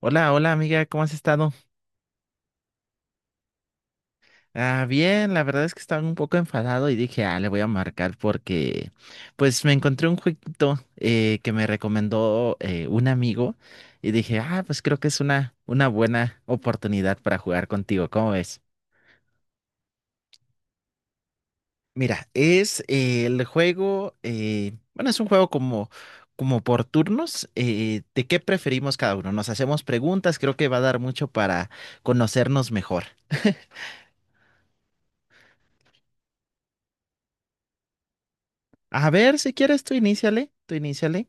Hola, hola amiga, ¿cómo has estado? Ah, bien, la verdad es que estaba un poco enfadado y dije, ah, le voy a marcar porque pues me encontré un jueguito que me recomendó un amigo y dije, ah, pues creo que es una buena oportunidad para jugar contigo, ¿cómo ves? Mira, es el juego, bueno, es un juego como por turnos, ¿de qué preferimos cada uno? Nos hacemos preguntas, creo que va a dar mucho para conocernos mejor. A ver, si quieres, tú iníciale, tú iníciale.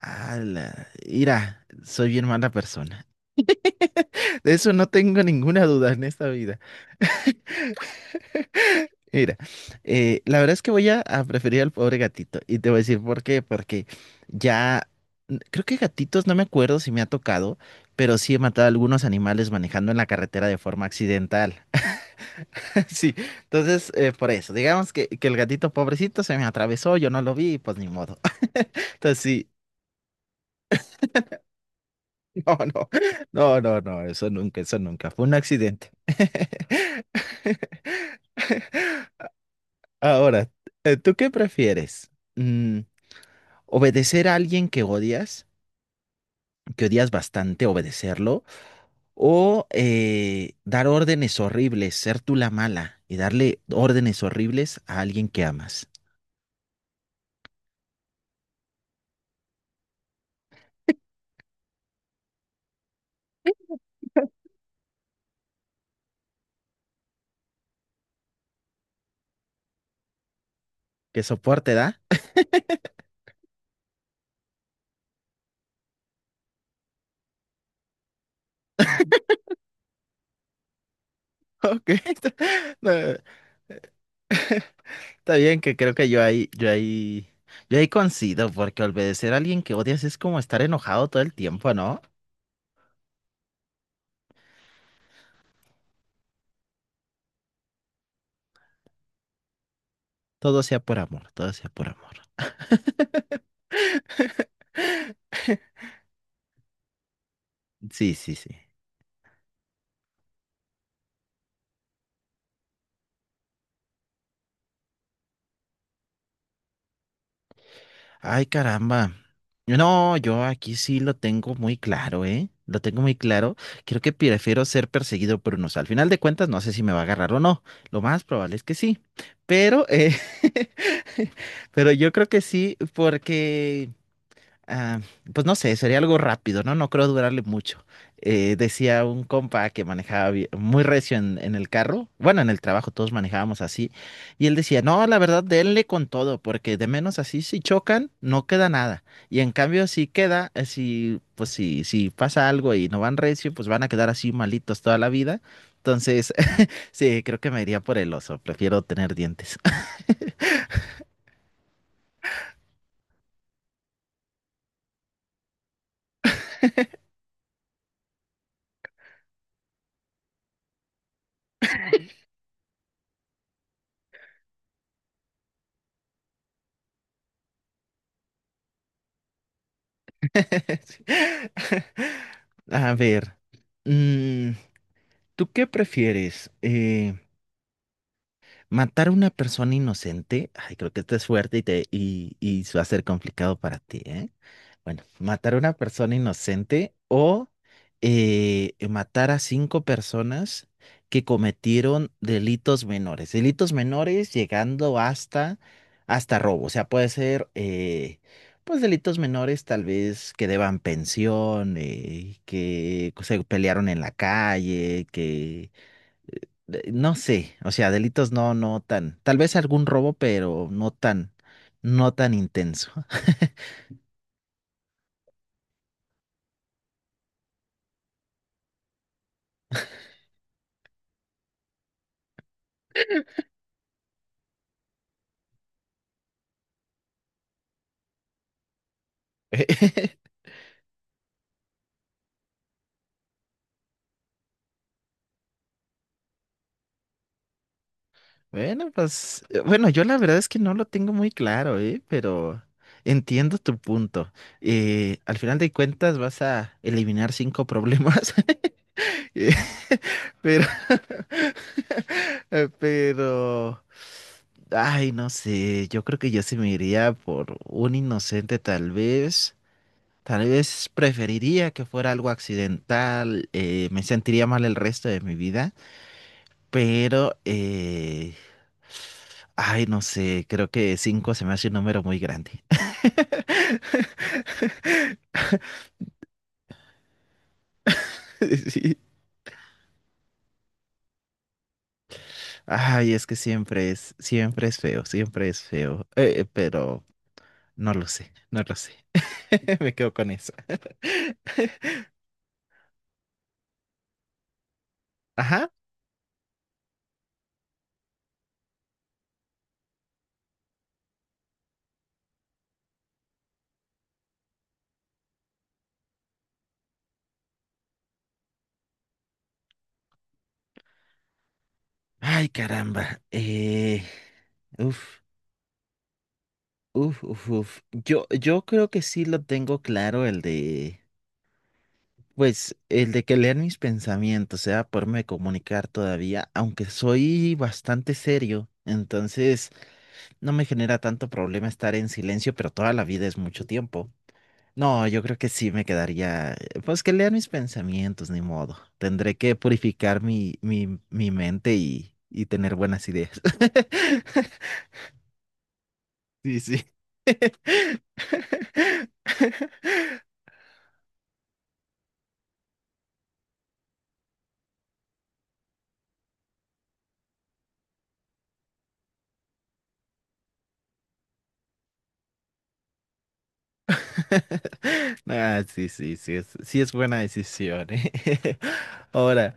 Ala, mira, soy bien mala persona. De eso no tengo ninguna duda en esta vida. Mira, la verdad es que a preferir al pobre gatito. Y te voy a decir por qué. Porque ya, creo que gatitos, no me acuerdo si me ha tocado, pero sí he matado a algunos animales manejando en la carretera de forma accidental. Sí, entonces, por eso, digamos que el gatito pobrecito se me atravesó, yo no lo vi, y pues ni modo. Entonces sí, no, no, no, no, no, eso nunca, eso nunca. Fue un accidente. Ahora, ¿tú qué prefieres? Mm, ¿Obedecer a alguien que odias bastante, obedecerlo? ¿O dar órdenes horribles, ser tú la mala y darle órdenes horribles a alguien que amas? ¿Qué soporte da? Ok, está, no, está bien que creo que yo ahí coincido, porque obedecer a alguien que odias es como estar enojado todo el tiempo, ¿no? Todo sea por amor, todo sea por amor. Sí, sí, sí. Ay, caramba. No, yo aquí sí lo tengo muy claro, ¿eh? Lo tengo muy claro. Creo que prefiero ser perseguido por unos. Al final de cuentas, no sé si me va a agarrar o no. Lo más probable es que sí. Pero, pero yo creo que sí, porque ah, pues no sé, sería algo rápido, ¿no? No creo durarle mucho. Decía un compa que manejaba muy recio en el carro, bueno, en el trabajo todos manejábamos así, y él decía, no, la verdad, denle con todo, porque de menos así si chocan, no queda nada. Y en cambio, si queda, pues si pasa algo y no van recio, pues van a quedar así malitos toda la vida. Entonces, sí, creo que me iría por el oso, prefiero tener dientes. Sí. A ver. mm, ¿Tú qué prefieres? ¿Matar a una persona inocente? Ay, creo que esto es fuerte y va a ser complicado para ti, ¿eh? Bueno, ¿matar a una persona inocente o matar a cinco personas que cometieron delitos menores? Delitos menores llegando hasta, hasta robo. O sea, puede ser, pues, delitos menores tal vez que deban pensión, que se pelearon en la calle, que eh, no sé, o sea, delitos no, no tan, tal vez algún robo, pero no tan, no tan intenso. Bueno, pues, bueno, yo la verdad es que no lo tengo muy claro, ¿eh? Pero entiendo tu punto. Al final de cuentas vas a eliminar cinco problemas, Eh, pero, pero, ay, no sé, yo creo que yo se me iría por un inocente tal vez. Tal vez preferiría que fuera algo accidental, me sentiría mal el resto de mi vida, pero, ay, no sé, creo que cinco se me hace un número muy grande. Sí. Ay, es que siempre es feo, pero no lo sé, no lo sé. Me quedo con eso. Ajá. Ay, caramba. Uf, uf. Yo creo que sí lo tengo claro el de... Pues el de que lean mis pensamientos, sea poderme comunicar todavía, aunque soy bastante serio, entonces no me genera tanto problema estar en silencio, pero toda la vida es mucho tiempo. No, yo creo que sí me quedaría, pues que lean mis pensamientos, ni modo. Tendré que purificar mi mente y tener buenas ideas. Sí, sí. Ah, sí, sí, sí es buena decisión, ¿eh? Ahora.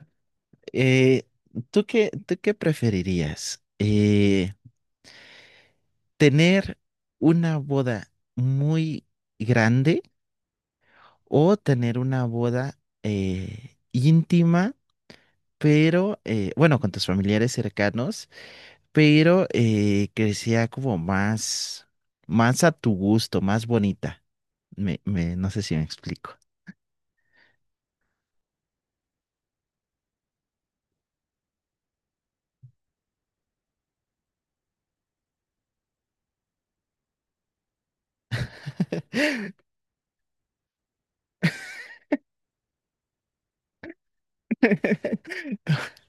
Eh, tú qué preferirías? ¿Tener una boda muy grande o tener una boda íntima, pero, bueno, con tus familiares cercanos, pero que sea como más, más a tu gusto, más bonita? No sé si me explico.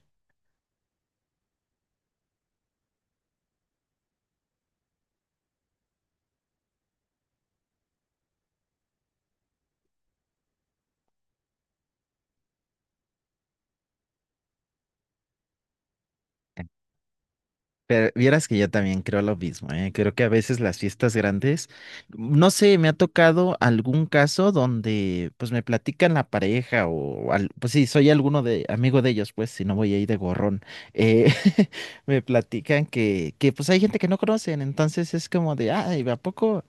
Pero vieras que yo también creo lo mismo, ¿eh? Creo que a veces las fiestas grandes, no sé, me ha tocado algún caso donde pues me platican la pareja o pues sí, soy alguno de amigo de ellos, pues si no voy ahí de gorrón, eh, me platican que pues hay gente que no conocen, entonces es como de, ay, ¿a poco?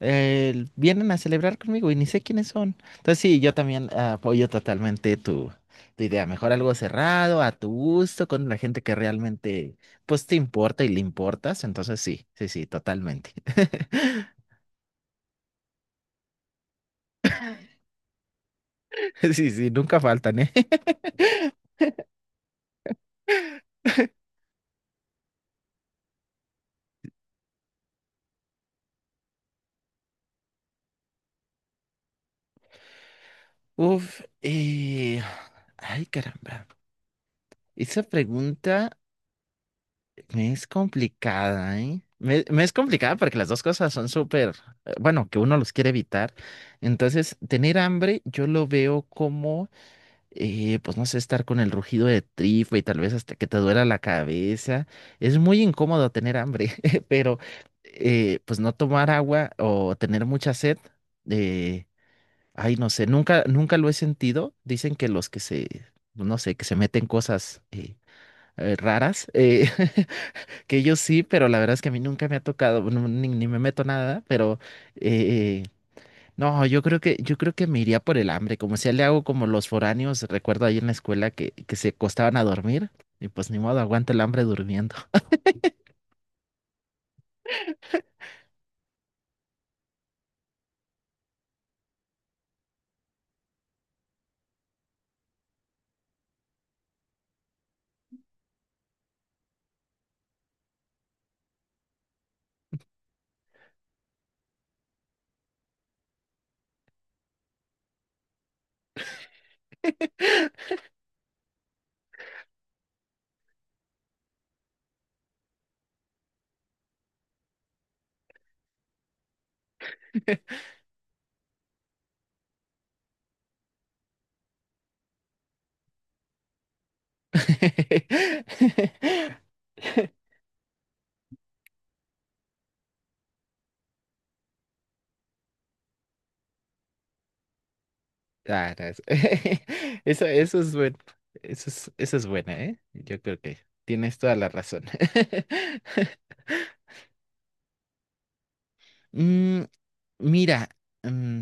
Vienen a celebrar conmigo y ni sé quiénes son. Entonces sí, yo también ah, apoyo totalmente tu, tu idea. Mejor algo cerrado, a tu gusto, con la gente que realmente pues te importa y le importas. Entonces sí, sí, sí, totalmente. Sí, sí, nunca faltan, ¿eh? Uf, ay caramba. Esa pregunta... Me es complicada, ¿eh? Me es complicada porque las dos cosas son súper, bueno, que uno los quiere evitar. Entonces, tener hambre yo lo veo como, pues no sé, estar con el rugido de tripa y tal vez hasta que te duela la cabeza. Es muy incómodo tener hambre, pero pues no tomar agua o tener mucha sed, eh, ay, no sé, nunca, nunca lo he sentido. Dicen que no sé, que se meten cosas raras. Que yo sí, pero la verdad es que a mí nunca me ha tocado, no, ni, ni me meto nada, pero eh, no, yo creo que me iría por el hambre, como si le hago como los foráneos, recuerdo ahí en la escuela que se acostaban a dormir, y pues ni modo, aguanta el hambre durmiendo. Ah, no, eso es bueno, eso es buena, ¿eh? Yo creo que tienes toda la razón. Mm, mira, mm,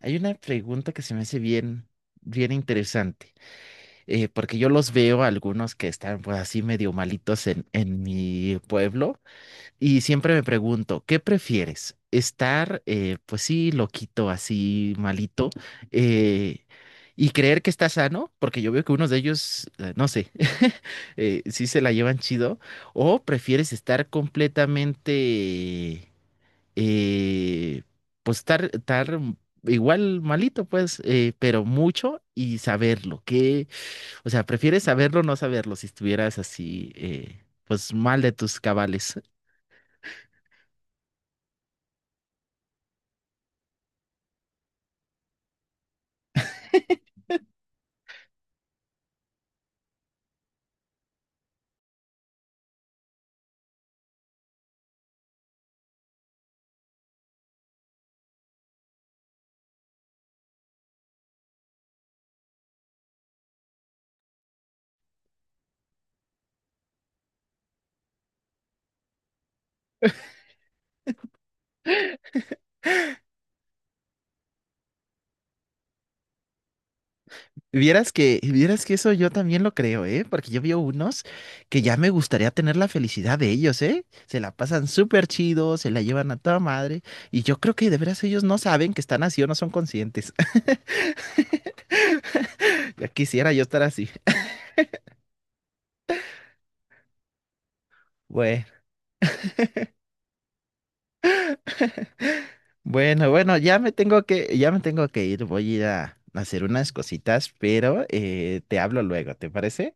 hay una pregunta que se me hace bien, bien interesante, porque yo los veo a algunos que están pues así medio malitos en mi pueblo y siempre me pregunto, ¿qué prefieres? ¿Estar pues sí loquito, así malito eh, y creer que está sano? Porque yo veo que unos de ellos, no sé, sí se la llevan chido, o prefieres estar completamente eh, pues estar igual malito, pues, pero mucho y saberlo, que, o sea, prefieres saberlo o no saberlo si estuvieras así, pues mal de tus cabales. Vieras que eso yo también lo creo, ¿eh? Porque yo veo unos que ya me gustaría tener la felicidad de ellos, ¿eh? Se la pasan súper chido, se la llevan a toda madre, y yo creo que de veras ellos no saben que están así o no son conscientes. Ya quisiera yo estar así. Bueno. Bueno, bueno, ya me tengo que ir, voy a ir a hacer unas cositas, pero te hablo luego, ¿te parece?